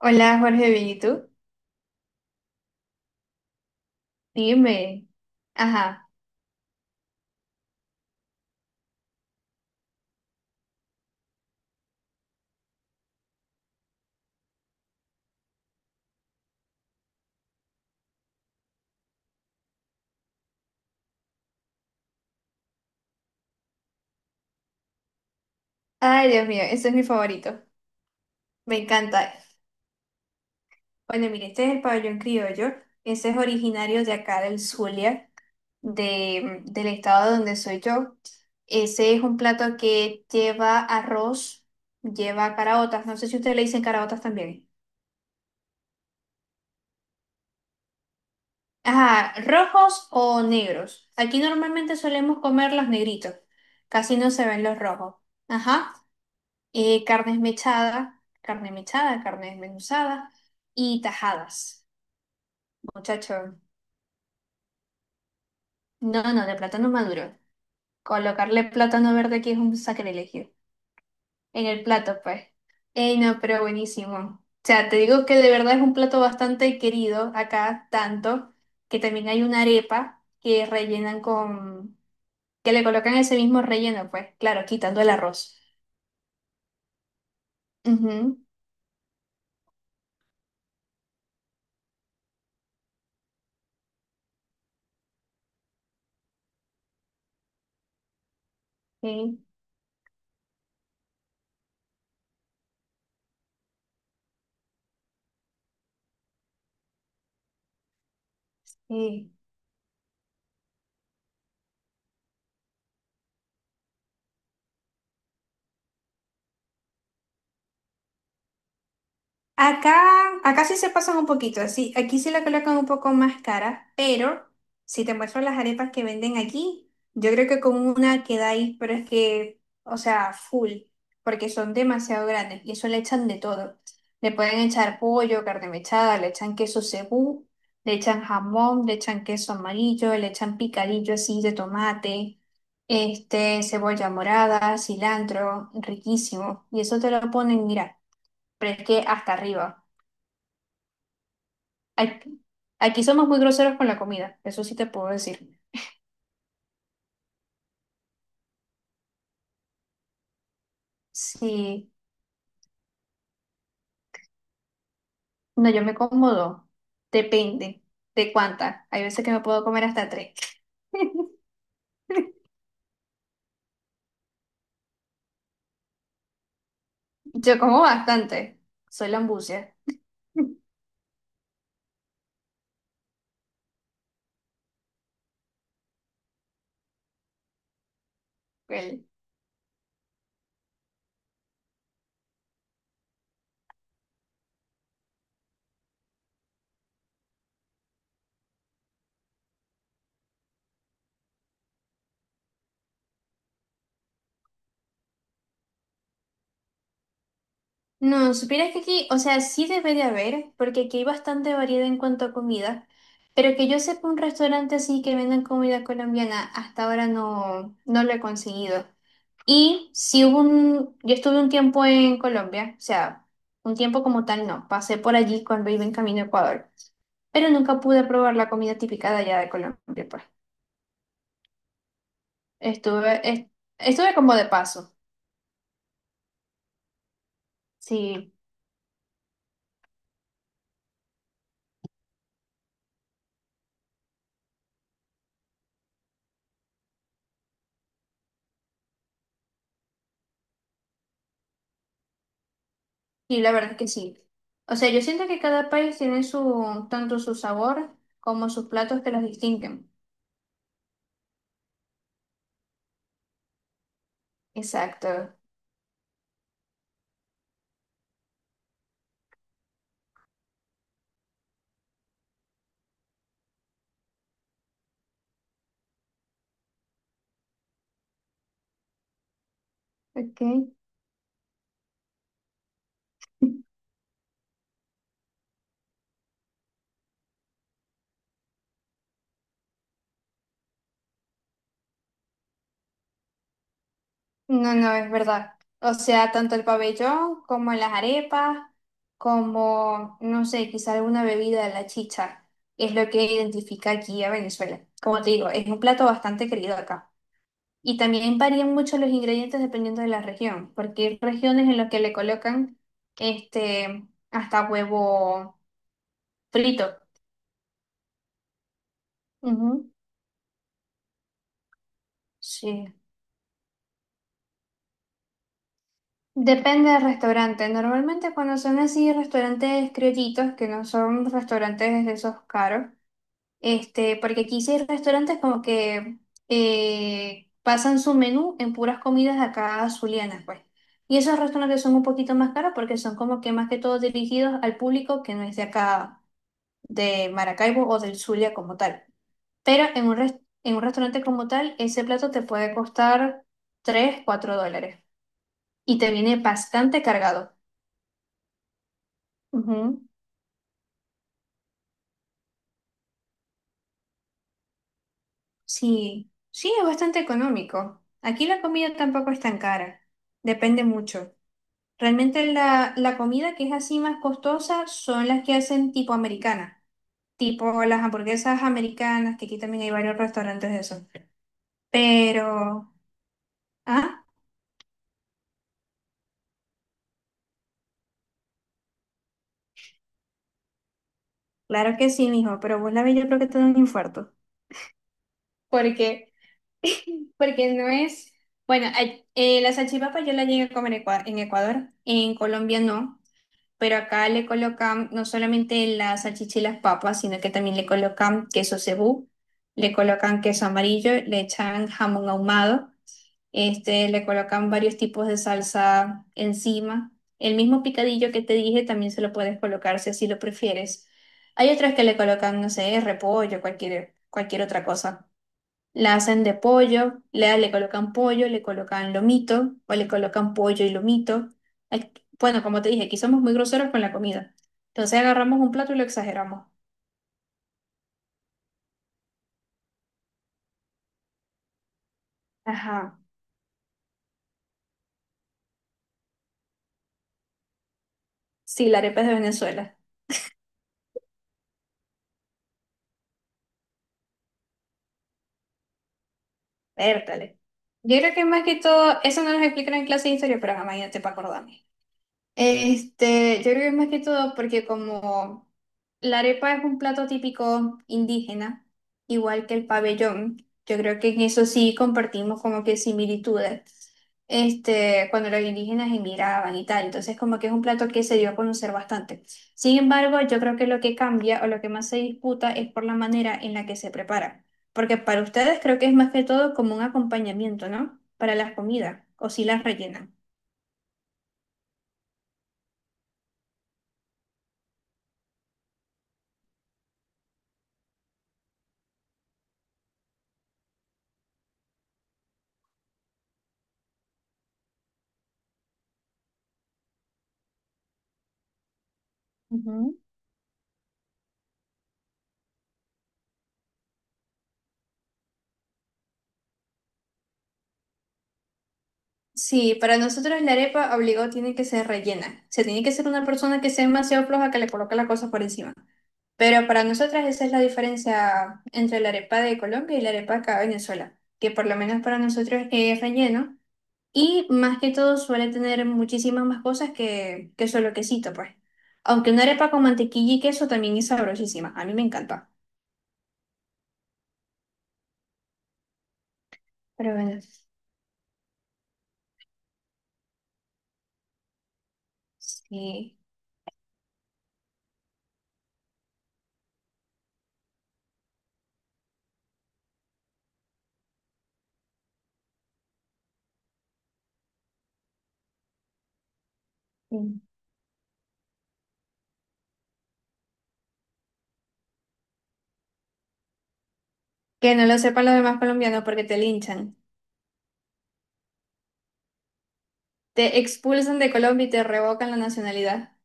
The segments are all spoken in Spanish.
Hola Jorge, bien, ¿y tú? Dime. Ajá. Ay, Dios mío, ese es mi favorito. Me encanta. Bueno, mire, este es el pabellón criollo. Ese es originario de acá del Zulia, del estado donde soy yo. Ese es un plato que lleva arroz, lleva caraotas. No sé si ustedes le dicen caraotas también. Ajá, rojos o negros. Aquí normalmente solemos comer los negritos. Casi no se ven los rojos. Ajá. Carne mechada, carne desmenuzada y tajadas. Muchacho, no, no, de plátano maduro. Colocarle plátano verde aquí es un sacrilegio. En el plato, pues. Ey, no, pero buenísimo. O sea, te digo que de verdad es un plato bastante querido acá, tanto que también hay una arepa que que le colocan ese mismo relleno, pues, claro, quitando el arroz. Ujú, sí, sí. Acá, acá sí se pasan un poquito, así, aquí sí la colocan un poco más cara, pero si te muestro las arepas que venden aquí, yo creo que con una queda ahí, pero es que, o sea, full, porque son demasiado grandes y eso le echan de todo. Le pueden echar pollo, carne mechada, le echan queso cebú, le echan jamón, le echan queso amarillo, le echan picadillo así de tomate, este, cebolla morada, cilantro, riquísimo. Y eso te lo ponen, mira, pero es que hasta arriba. Aquí, aquí somos muy groseros con la comida, eso sí te puedo decir. Sí, no, yo me como dos, depende de cuánta. Hay veces que me puedo comer hasta tres. Yo como bastante, soy lambucia. Bueno. No, supieras que aquí, o sea, sí debe de haber, porque aquí hay bastante variedad en cuanto a comida, pero que yo sepa un restaurante así que vendan comida colombiana, hasta ahora no, no lo he conseguido. Y si hubo un, yo estuve un tiempo en Colombia, o sea, un tiempo como tal no, pasé por allí cuando iba en camino a Ecuador, pero nunca pude probar la comida típica de allá de Colombia, pues. Estuve, es- estuve como de paso, sí, y la verdad es que sí. O sea, yo siento que cada país tiene su, tanto su sabor como sus platos que los distinguen. Exacto. Ok. No, no, es verdad. O sea, tanto el pabellón como las arepas, como, no sé, quizá alguna bebida la chicha, es lo que identifica aquí a Venezuela. Como te digo, es un plato bastante querido acá. Y también varían mucho los ingredientes dependiendo de la región, porque hay regiones en las que le colocan este, hasta huevo frito. Ujú, sí. Depende del restaurante. Normalmente cuando son así restaurantes criollitos, que no son restaurantes de esos caros, este, porque aquí sí hay restaurantes como que pasan su menú en puras comidas acá azulianas, pues. Y esos restaurantes son un poquito más caros porque son como que más que todo dirigidos al público que no es de acá, de Maracaibo o del Zulia como tal. Pero en un, res- en un restaurante como tal, ese plato te puede costar $3 o $4. Y te viene bastante cargado. Ujú. Sí, sí, es bastante económico. Aquí la comida tampoco es tan cara. Depende mucho. Realmente la comida que es así más costosa son las que hacen tipo americana, tipo las hamburguesas americanas, que aquí también hay varios restaurantes de eso. Pero, ah, claro que sí, mijo, pero vos la ves, yo creo que te da un infarto. Porque, porque no es, bueno, la salchipapa yo la llegué a comer en en Ecuador, en Colombia no. Pero acá le colocan no solamente las salchicha y las papas, sino que también le colocan queso cebú, le colocan queso amarillo, le echan jamón ahumado, este, le colocan varios tipos de salsa encima. El mismo picadillo que te dije también se lo puedes colocar si así lo prefieres. Hay otras que le colocan, no sé, repollo, cualquier otra cosa. La hacen de pollo, le colocan pollo, le colocan lomito o le colocan pollo y lomito. Aquí. Bueno, como te dije, aquí somos muy groseros con la comida. Entonces agarramos un plato y lo exageramos. Ajá. Sí, la arepa es de Venezuela. Vértale. Yo creo que más que todo, eso no nos explican en clase de historia, pero jamás te para acordarme. Este, yo creo que es más que todo porque como la arepa es un plato típico indígena, igual que el pabellón, yo creo que en eso sí compartimos como que similitudes. Este, cuando los indígenas emigraban y tal, entonces como que es un plato que se dio a conocer bastante. Sin embargo, yo creo que lo que cambia o lo que más se disputa es por la manera en la que se prepara, porque para ustedes creo que es más que todo como un acompañamiento, ¿no? Para las comidas, o si las rellenan. Sí, para nosotros la arepa obligado tiene que ser rellena. Se tiene que ser una persona que sea demasiado floja que le coloque la cosa por encima. Pero para nosotras esa es la diferencia entre la arepa de Colombia y la arepa acá de Venezuela, que por lo menos para nosotros es relleno y más que todo suele tener muchísimas más cosas que solo quesito, pues. Aunque una arepa con mantequilla y queso también es sabrosísima, a mí me encanta. Pero bueno, sí. Mm. Que no lo sepan los demás colombianos porque te linchan. Te expulsan de Colombia y te revocan la nacionalidad.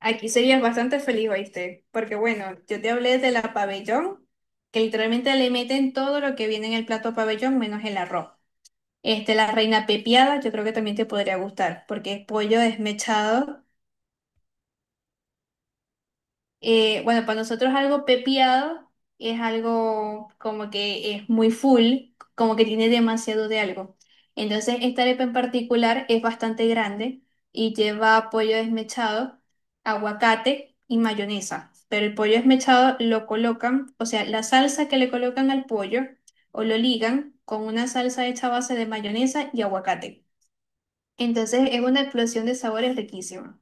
Aquí serías bastante feliz, ¿oíste? Porque bueno, yo te hablé de la pabellón, que literalmente le meten todo lo que viene en el plato pabellón menos el arroz. Este, la reina pepiada, yo creo que también te podría gustar, porque es pollo desmechado. Bueno, para nosotros algo pepiado es algo como que es muy full, como que tiene demasiado de algo. Entonces, esta arepa en particular es bastante grande y lleva pollo desmechado, aguacate y mayonesa. Pero el pollo desmechado lo colocan, o sea, la salsa que le colocan al pollo o lo ligan con una salsa hecha a base de mayonesa y aguacate. Entonces, es una explosión de sabores riquísima.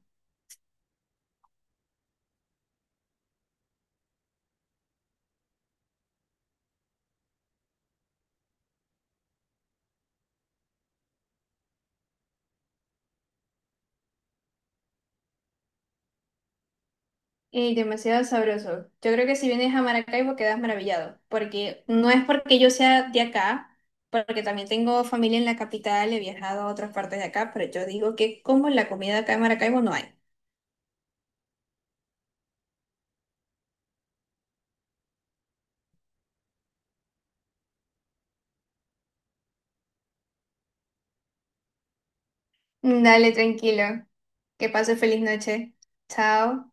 Y demasiado sabroso. Yo creo que si vienes a Maracaibo quedas maravillado, porque no es porque yo sea de acá, porque también tengo familia en la capital, he viajado a otras partes de acá, pero yo digo que como la comida acá en Maracaibo no hay. Dale, tranquilo. Que pase feliz noche. Chao.